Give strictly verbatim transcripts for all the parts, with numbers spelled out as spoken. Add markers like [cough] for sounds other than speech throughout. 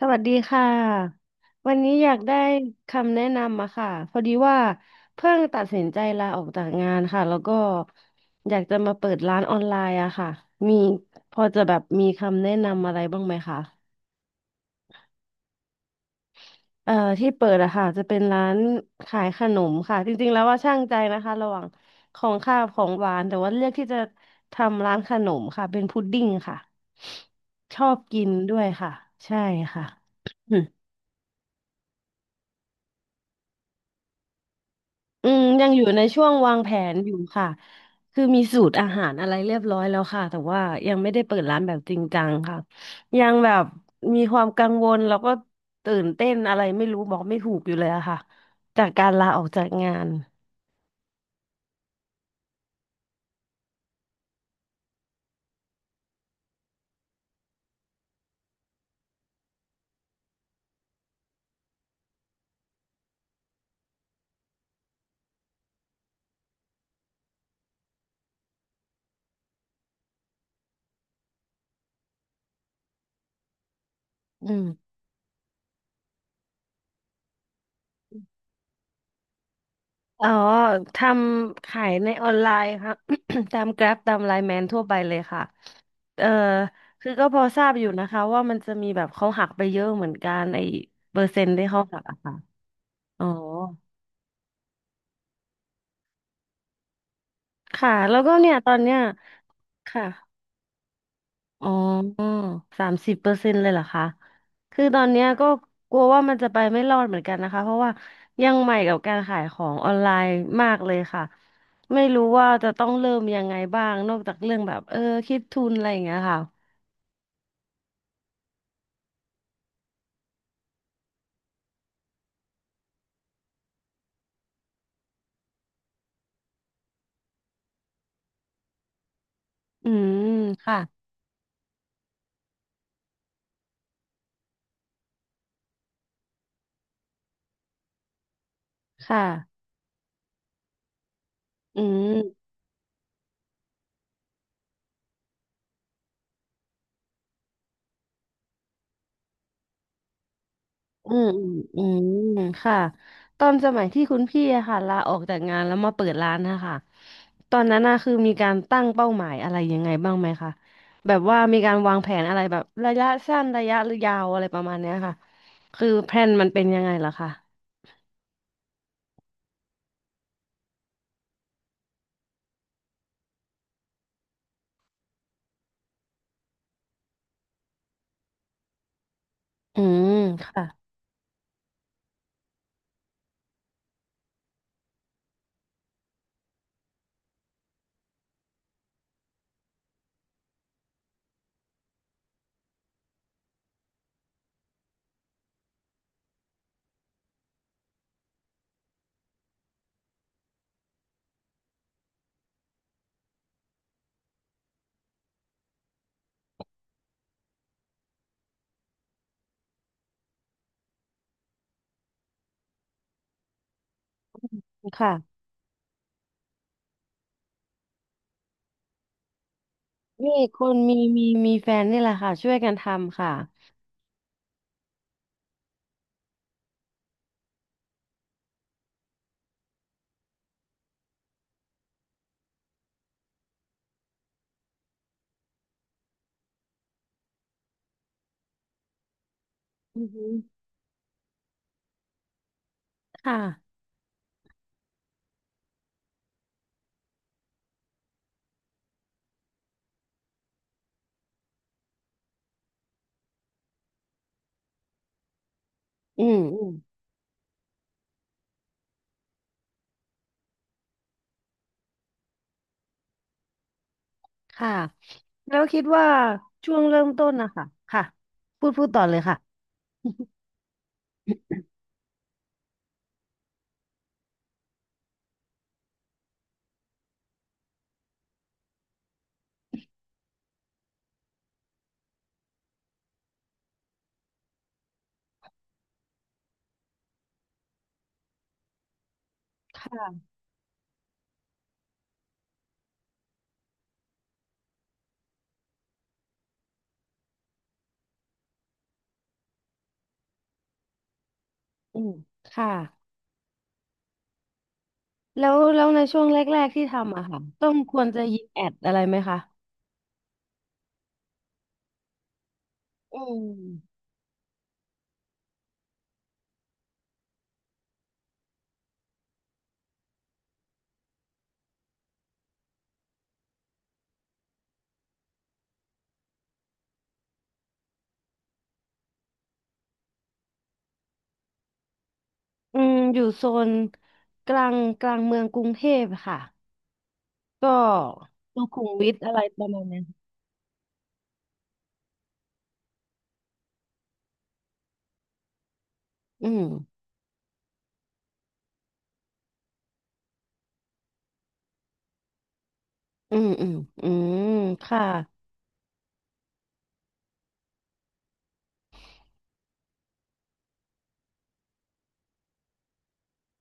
สวัสดีค่ะวันนี้อยากได้คำแนะนำมาค่ะพอดีว่าเพิ่งตัดสินใจลาออกจากงานค่ะแล้วก็อยากจะมาเปิดร้านออนไลน์อะค่ะมีพอจะแบบมีคำแนะนำอะไรบ้างไหมคะเอ่อที่เปิดอะค่ะจะเป็นร้านขายขนมค่ะจริงๆแล้วว่าช่างใจนะคะระหว่างของข้าวของหวานแต่ว่าเลือกที่จะทำร้านขนมค่ะเป็นพุดดิ้งค่ะชอบกินด้วยค่ะใช่ค่ะ อืมยังอยู่ในช่วงวางแผนอยู่ค่ะคือมีสูตรอาหารอะไรเรียบร้อยแล้วค่ะแต่ว่ายังไม่ได้เปิดร้านแบบจริงจังค่ะยังแบบมีความกังวลแล้วก็ตื่นเต้นอะไรไม่รู้บอกไม่ถูกอยู่เลยอะค่ะจากการลาออกจากงานอืมอ๋อทำขายในออนไลน์ค่ะ [coughs] ตาม Grab ตาม l ลน e แมนทั่วไปเลยค่ะเออคือก็พอทราบอยู่นะคะว่ามันจะมีแบบเขาหักไปเยอะเหมือนกันไอ้เปอร์เซ็นต์ที่เขาหักอะค่ะอ๋อ ค่ะแล้วก็เนี่ยตอนเนี้ยค่ะอ๋อสามสิบเปอร์เซ็นต์เลยเหรอคะคือตอนเนี้ยก็กลัวว่ามันจะไปไม่รอดเหมือนกันนะคะเพราะว่ายังใหม่กับการขายของออนไลน์มากเลยค่ะไม่รู้ว่าจะต้องเริ่มยังไงบ้างนอกจากเรื่องแบบเออคิดทุนอะไรอย่างเงี้ยค่ะอืมค่ะค่ะอืม อืมอืมอืมค่ะตอนสมัยที่คุณพี่อะค่ะลาออกจากงานแล้วมาเปิดร้านนะคะตอนนั้นนะคือมีการตั้งเป้าหมายอะไรยังไงบ้างไหมคะแบบว่ามีการวางแผนอะไรแบบระยะสั้นระยะยาวอะไรประมาณเนี้ยค่ะคือแพลนมันเป็นยังไงล่ะคะอืมค่ะค่ะนี่คนมีมีมีแฟนนี่แหละค่ะช่วยกันทำค่ะอือฮึค่ะอืมอืมค่ะแล้วคิดว่าช่วงเริ่มต้นนะคะค่ะพูดพูดต่อเลยค่ะ ค่ะอืมค่ะแล้วแล้วในช่วงแรกๆที่ทำอะค่ะต้องควรจะยิงแอดอะไรไหมคะอืมอืมอยู่โซนกลางกลางเมืองกรุงเทพค่ะ ก็สุขุมวิทอะไรประมาณนั้นอืมอืมอืมอืมค่ะ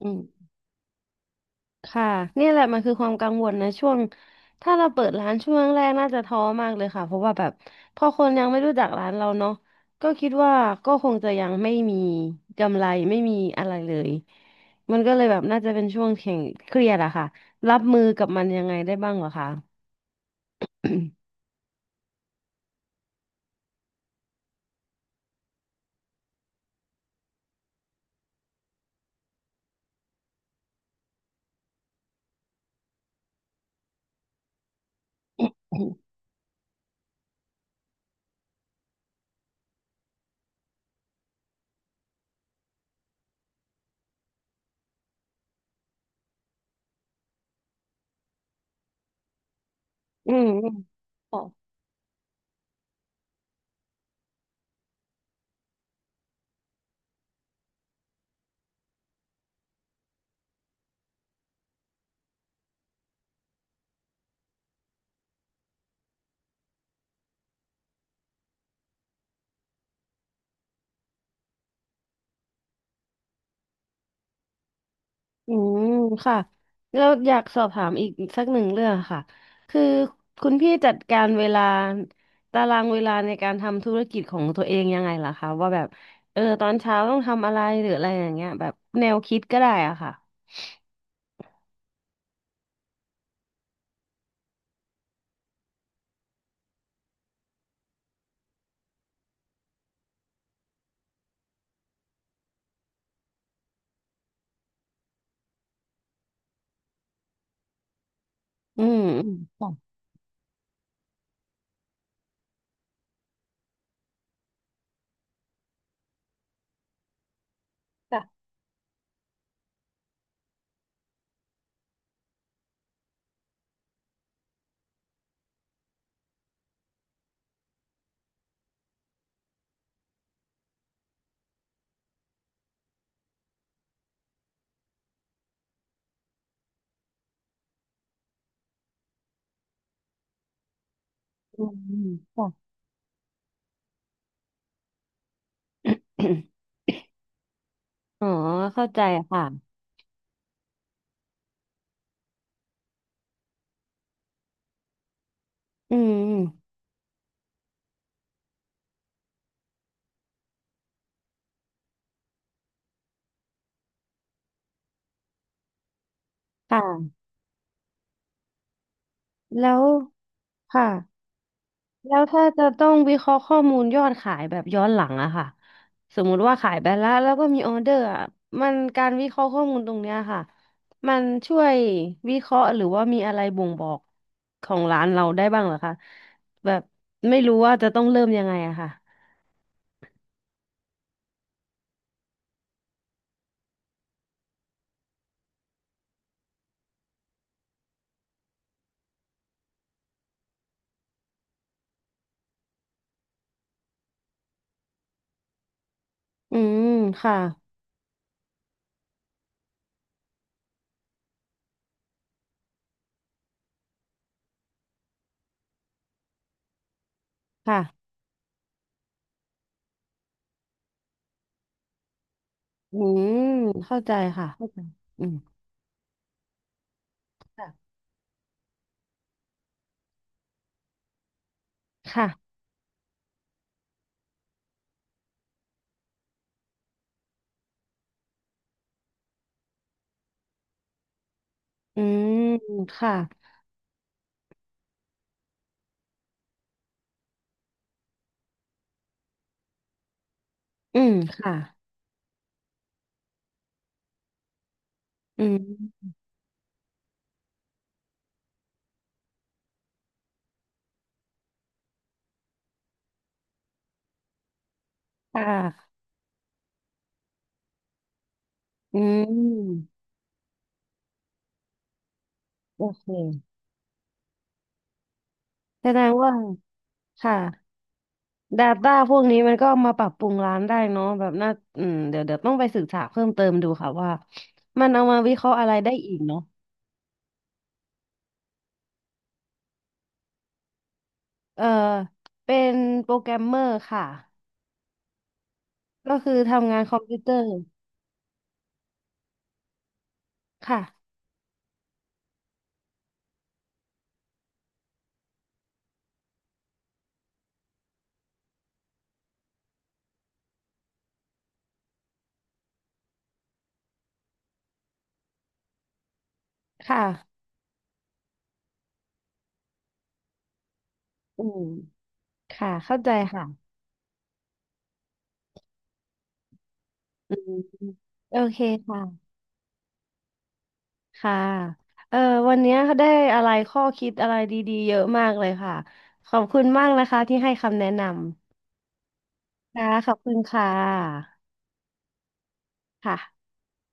อืม ค่ะเนี่ยแหละมันคือความกังวลนะช่วงถ้าเราเปิดร้านช่วงแรกน่าจะท้อมากเลยค่ะเพราะว่าแบบพอคนยังไม่รู้จักร้านเราเนาะก็คิดว่าก็คงจะยังไม่มีกำไรไม่มีอะไรเลยมันก็เลยแบบน่าจะเป็นช่วงแข่งเครียดอะค่ะรับมือกับมันยังไงได้บ้างเหรอคะ [coughs] อืมอืมค่ะ อืมค่ะแล้วอยากสอบถามอีกสักหนึ่งเรื่องค่ะคือคุณพี่จัดการเวลาตารางเวลาในการทำธุรกิจของตัวเองยังไงล่ะคะว่าแบบเออตอนเช้าต้องทำอะไรหรืออะไรอย่างเงี้ยแบบแนวคิดก็ได้อ่ะค่ะอืมอืมจ้ะค่ะอืมอืมค่ะ [coughs] อ๋อเข้าใจค่ะอืมค่ะแล้วค่ะ แล้วถ้าจะต้องวิเคราะห์ข้อมูลยอดขายแบบย้อนหลังอะค่ะสมมุติว่าขายไปแล้วแล้วก็มีออเดอร์อะมันการวิเคราะห์ข้อมูลตรงเนี้ยค่ะมันช่วยวิเคราะห์หรือว่ามีอะไรบ่งบอกของร้านเราได้บ้างเหรอคะแบบไม่รู้ว่าจะต้องเริ่มยังไงอะค่ะอืมค่ะค่ะอืมเข้าใจค่ะเข้าใจอืมค่ะค่ะอืมค่ะอืมค่ะอืมค่ะอืมโอเค แสดงว่าค่ะ Data พวกนี้มันก็เอามาปรับปรุงร้านได้เนาะแบบน่าอืมเดี๋ยวเดี๋ยวต้องไปศึกษาเพิ่มเติมดูค่ะว่ามันเอามาวิเคราะห์อะไรได้อีกเนาะเออเป็นโปรแกรมเมอร์ค่ะก็คือทำงานคอมพิวเตอร์ค่ะค่ะอืมค่ะเข้าใจค่ะอืมโอเคค่ะค่ะเออวันนี้าได้อะไรข้อคิดอะไรดีๆเยอะมากเลยค่ะขอบคุณมากนะคะที่ให้คำแนะนำค่ะขอบคุณค่ะ ค่ะ